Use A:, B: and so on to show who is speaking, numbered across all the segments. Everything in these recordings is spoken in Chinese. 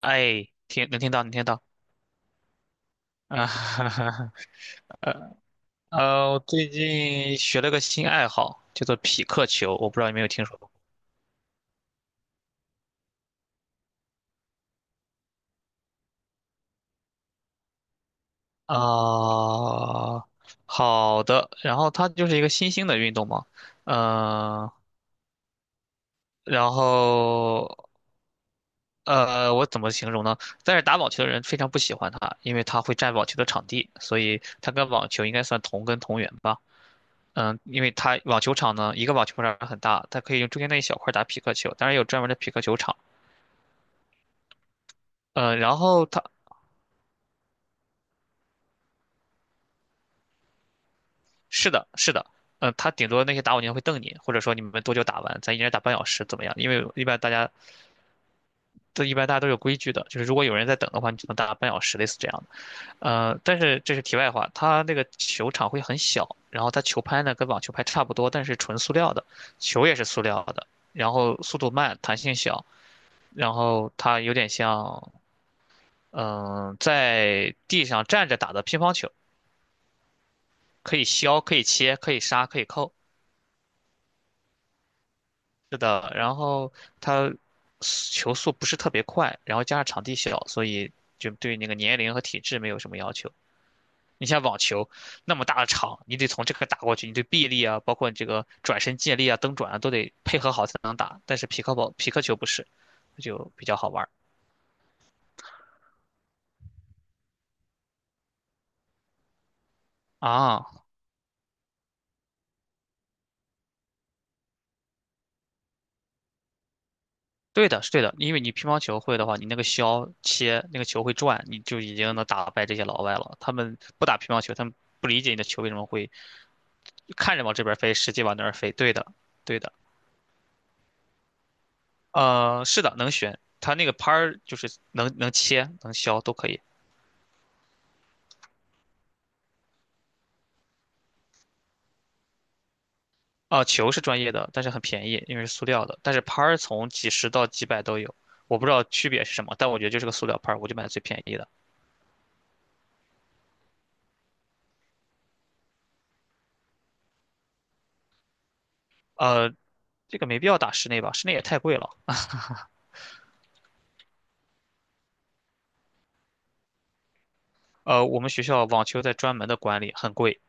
A: 哎，能听到，能听到啊，哈哈哈。我最近学了个新爱好，叫做匹克球，我不知道你有没有听说过啊。好的，然后它就是一个新兴的运动嘛，嗯、然后我怎么形容呢？但是打网球的人非常不喜欢它，因为它会占网球的场地，所以它跟网球应该算同根同源吧。因为它网球场呢，一个网球场很大，它可以用中间那一小块打匹克球，当然有专门的匹克球场。嗯，然后是的，是的。他顶多那些打火机会瞪你，或者说你们多久打完，咱一人打半小时怎么样？因为一般大家都有规矩的，就是如果有人在等的话，你只能打半小时，类似这样的。但是这是题外话，他那个球场会很小，然后他球拍呢跟网球拍差不多，但是纯塑料的，球也是塑料的，然后速度慢，弹性小，然后它有点像在地上站着打的乒乓球，可以削，可以切，可以杀，可以扣。是的，然后他球速不是特别快，然后加上场地小，所以就对那个年龄和体质没有什么要求。你像网球那么大的场，你得从这个打过去，你对臂力啊，包括你这个转身借力啊、蹬转啊，都得配合好才能打。但是匹克球不是，就比较好玩儿啊。对的，是对的，因为你乒乓球会的话，你那个削切那个球会转，你就已经能打败这些老外了。他们不打乒乓球，他们不理解你的球为什么会。看着往这边飞，实际往那儿飞。对的，对的，是的，能旋，它那个拍儿就是能切、能削都可以。啊，球是专业的，但是很便宜，因为是塑料的。但是拍儿从几十到几百都有，我不知道区别是什么，但我觉得就是个塑料拍儿，我就买最便宜的。呃，这个没必要打室内吧，室内也太贵了。我们学校网球在专门的管理，很贵。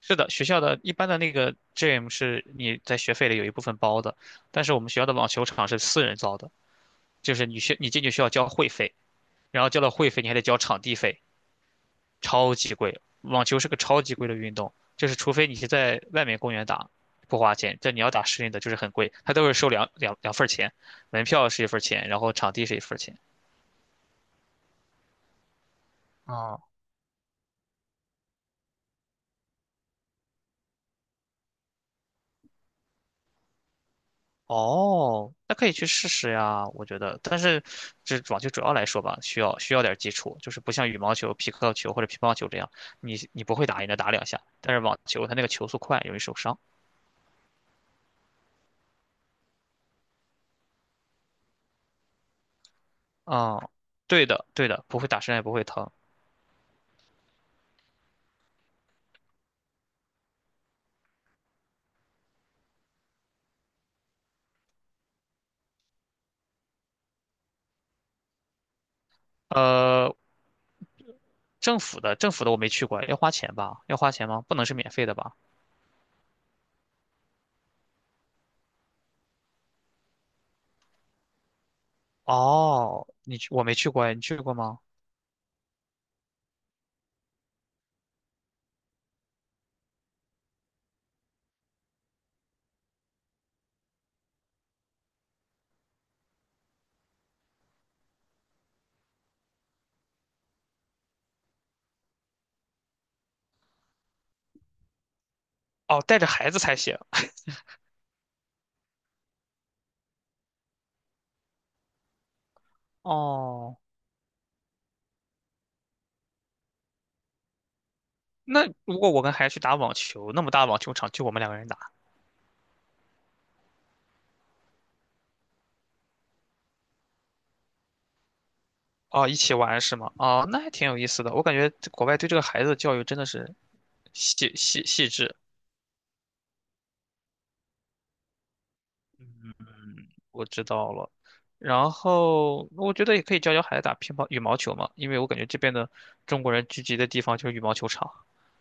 A: 是的，学校的一般的那个 gym 是你在学费里有一部分包的，但是我们学校的网球场是私人造的，就是你进去需要交会费。然后交了会费，你还得交场地费，超级贵。网球是个超级贵的运动，就是除非你是在外面公园打，不花钱，但你要打室内的就是很贵，它都是收两份儿钱，门票是一份儿钱，然后场地是一份儿钱。啊，哦，那可以去试试呀，我觉得。但是，这网球主要来说吧，需要点基础，就是不像羽毛球、皮克球或者乒乓球这样，你不会打也能打两下。但是网球它那个球速快，容易受伤。啊、对的，对的，不会打身上也不会疼。呃，政府的我没去过，要花钱吧？要花钱吗？不能是免费的吧？哦，你去我没去过，你去过吗？哦，带着孩子才行。哦，那如果我跟孩子去打网球，那么大网球场就我们两个人打，哦，一起玩是吗？哦，那还挺有意思的。我感觉这国外对这个孩子的教育真的是细致。嗯，我知道了。然后我觉得也可以教教孩子打乒乓羽毛球嘛，因为我感觉这边的中国人聚集的地方就是羽毛球场。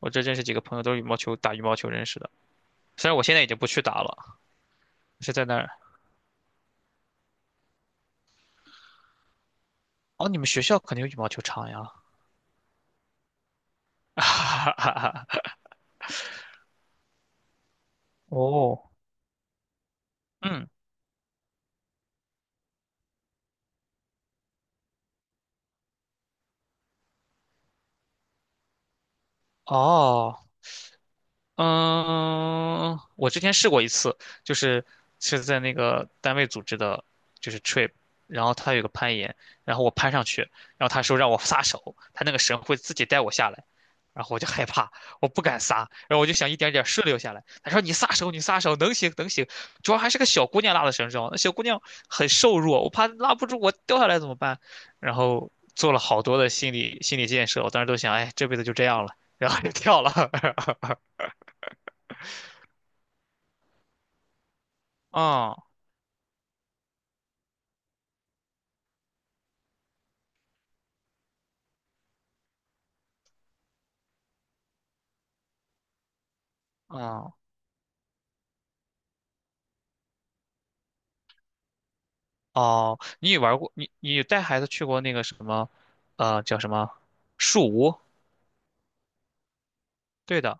A: 我这认识几个朋友都是羽毛球打羽毛球认识的，虽然我现在已经不去打了，是在那儿。哦，你们学校肯定有羽毛球场呀。哦，嗯，哦。嗯，我之前试过一次，就是在那个单位组织的，就是 trip，然后他有个攀岩，然后我攀上去，然后他说让我撒手，他那个绳会自己带我下来，然后我就害怕，我不敢撒，然后我就想一点点顺溜下来。他说你撒手，你撒手，能行能行，主要还是个小姑娘拉的绳绳，那小姑娘很瘦弱，我怕拉不住，我掉下来怎么办？然后做了好多的心理建设，我当时都想，哎，这辈子就这样了，然后就跳了，嗯。哦哦，你也玩过，你带孩子去过那个什么，叫什么树屋？对的，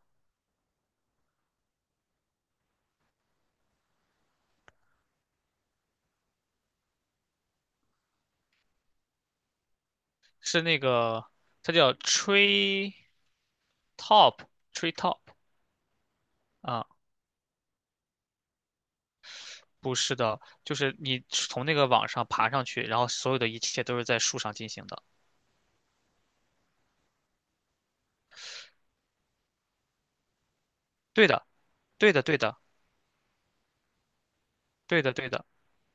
A: 是那个，它叫 top tree top 啊，不是的，就是你从那个网上爬上去，然后所有的一切都是在树上进行的。对的，对的，对的，对的，对的。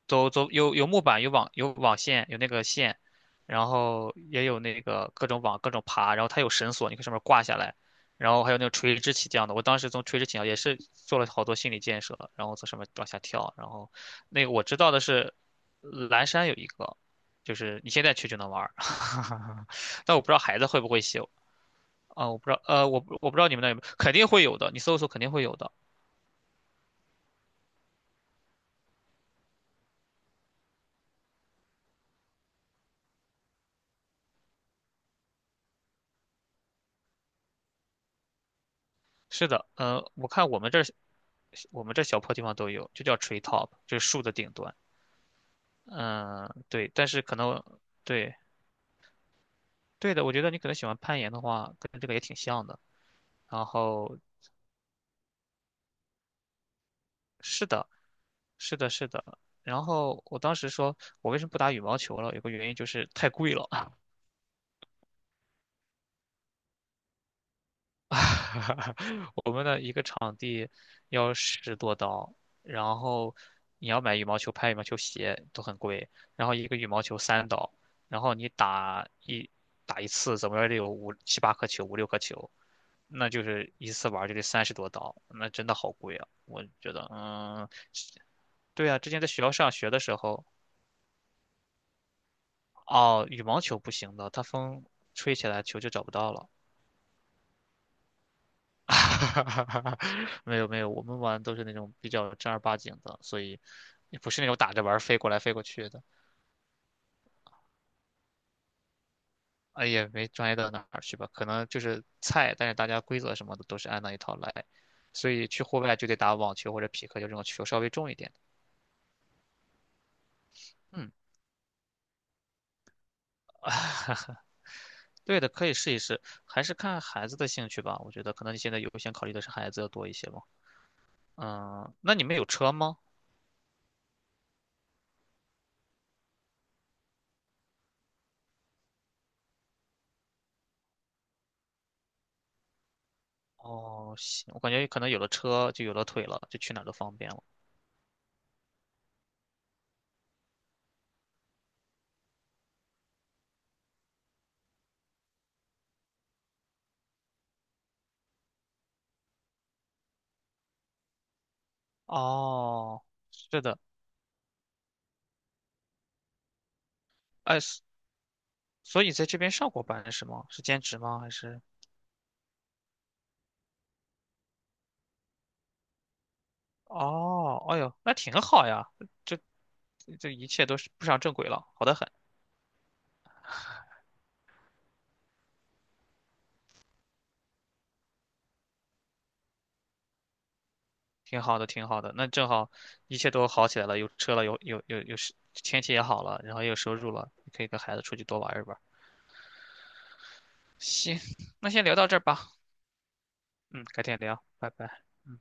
A: 走有木板，有网有网线，有那个线，然后也有那个各种网各种爬，然后它有绳索，你可以上面挂下来，然后还有那个垂直起降的。我当时从垂直起降也是做了好多心理建设，然后从上面往下跳，然后那个我知道的是蓝山有一个，就是你现在去就能玩儿，但我不知道孩子会不会修啊，我不知道你们那有没有，肯定会有的，你搜一搜肯定会有的。是的，我看我们这儿，我们这小破地方都有，就叫 tree top，就是树的顶端。嗯，对，但是可能。对对的，我觉得你可能喜欢攀岩的话，跟这个也挺像的。然后是的，是的，是的。然后我当时说，我为什么不打羽毛球了？有个原因就是太贵了。我们的一个场地要10多刀，然后你要买羽毛球拍、羽毛球鞋都很贵，然后一个羽毛球3刀，然后你打一次，怎么着也得有5、7、8颗球、5、6颗球，那就是一次玩儿就得30多刀，那真的好贵啊！我觉得，是对啊，之前在学校上学的时候，哦，羽毛球不行的，它风吹起来球就找不到了。没有没有，我们玩都是那种比较正儿八经的，所以也不是那种打着玩儿飞过来飞过去的，哎，也没专业到哪儿去吧，可能就是菜，但是大家规则什么的都是按那一套来，所以去户外就得打网球或者匹克，就这种球稍微重一点的嗯，对的，可以试一试，还是看孩子的兴趣吧。我觉得可能你现在优先考虑的是孩子要多一些吧。嗯，那你们有车吗？哦，行，我感觉可能有了车就有了腿了，就去哪儿都方便了。哦。是的，哎，所以你在这边上过班是吗？是兼职吗？还是？哦，哎呦，那挺好呀，这这一切都是步上正轨了，好得很，挺好的，挺好的。那正好一切都好起来了，有车了，有时，天气也好了，然后也有收入了，可以跟孩子出去多玩一玩。行，那先聊到这儿吧，嗯，改天聊，拜拜。嗯。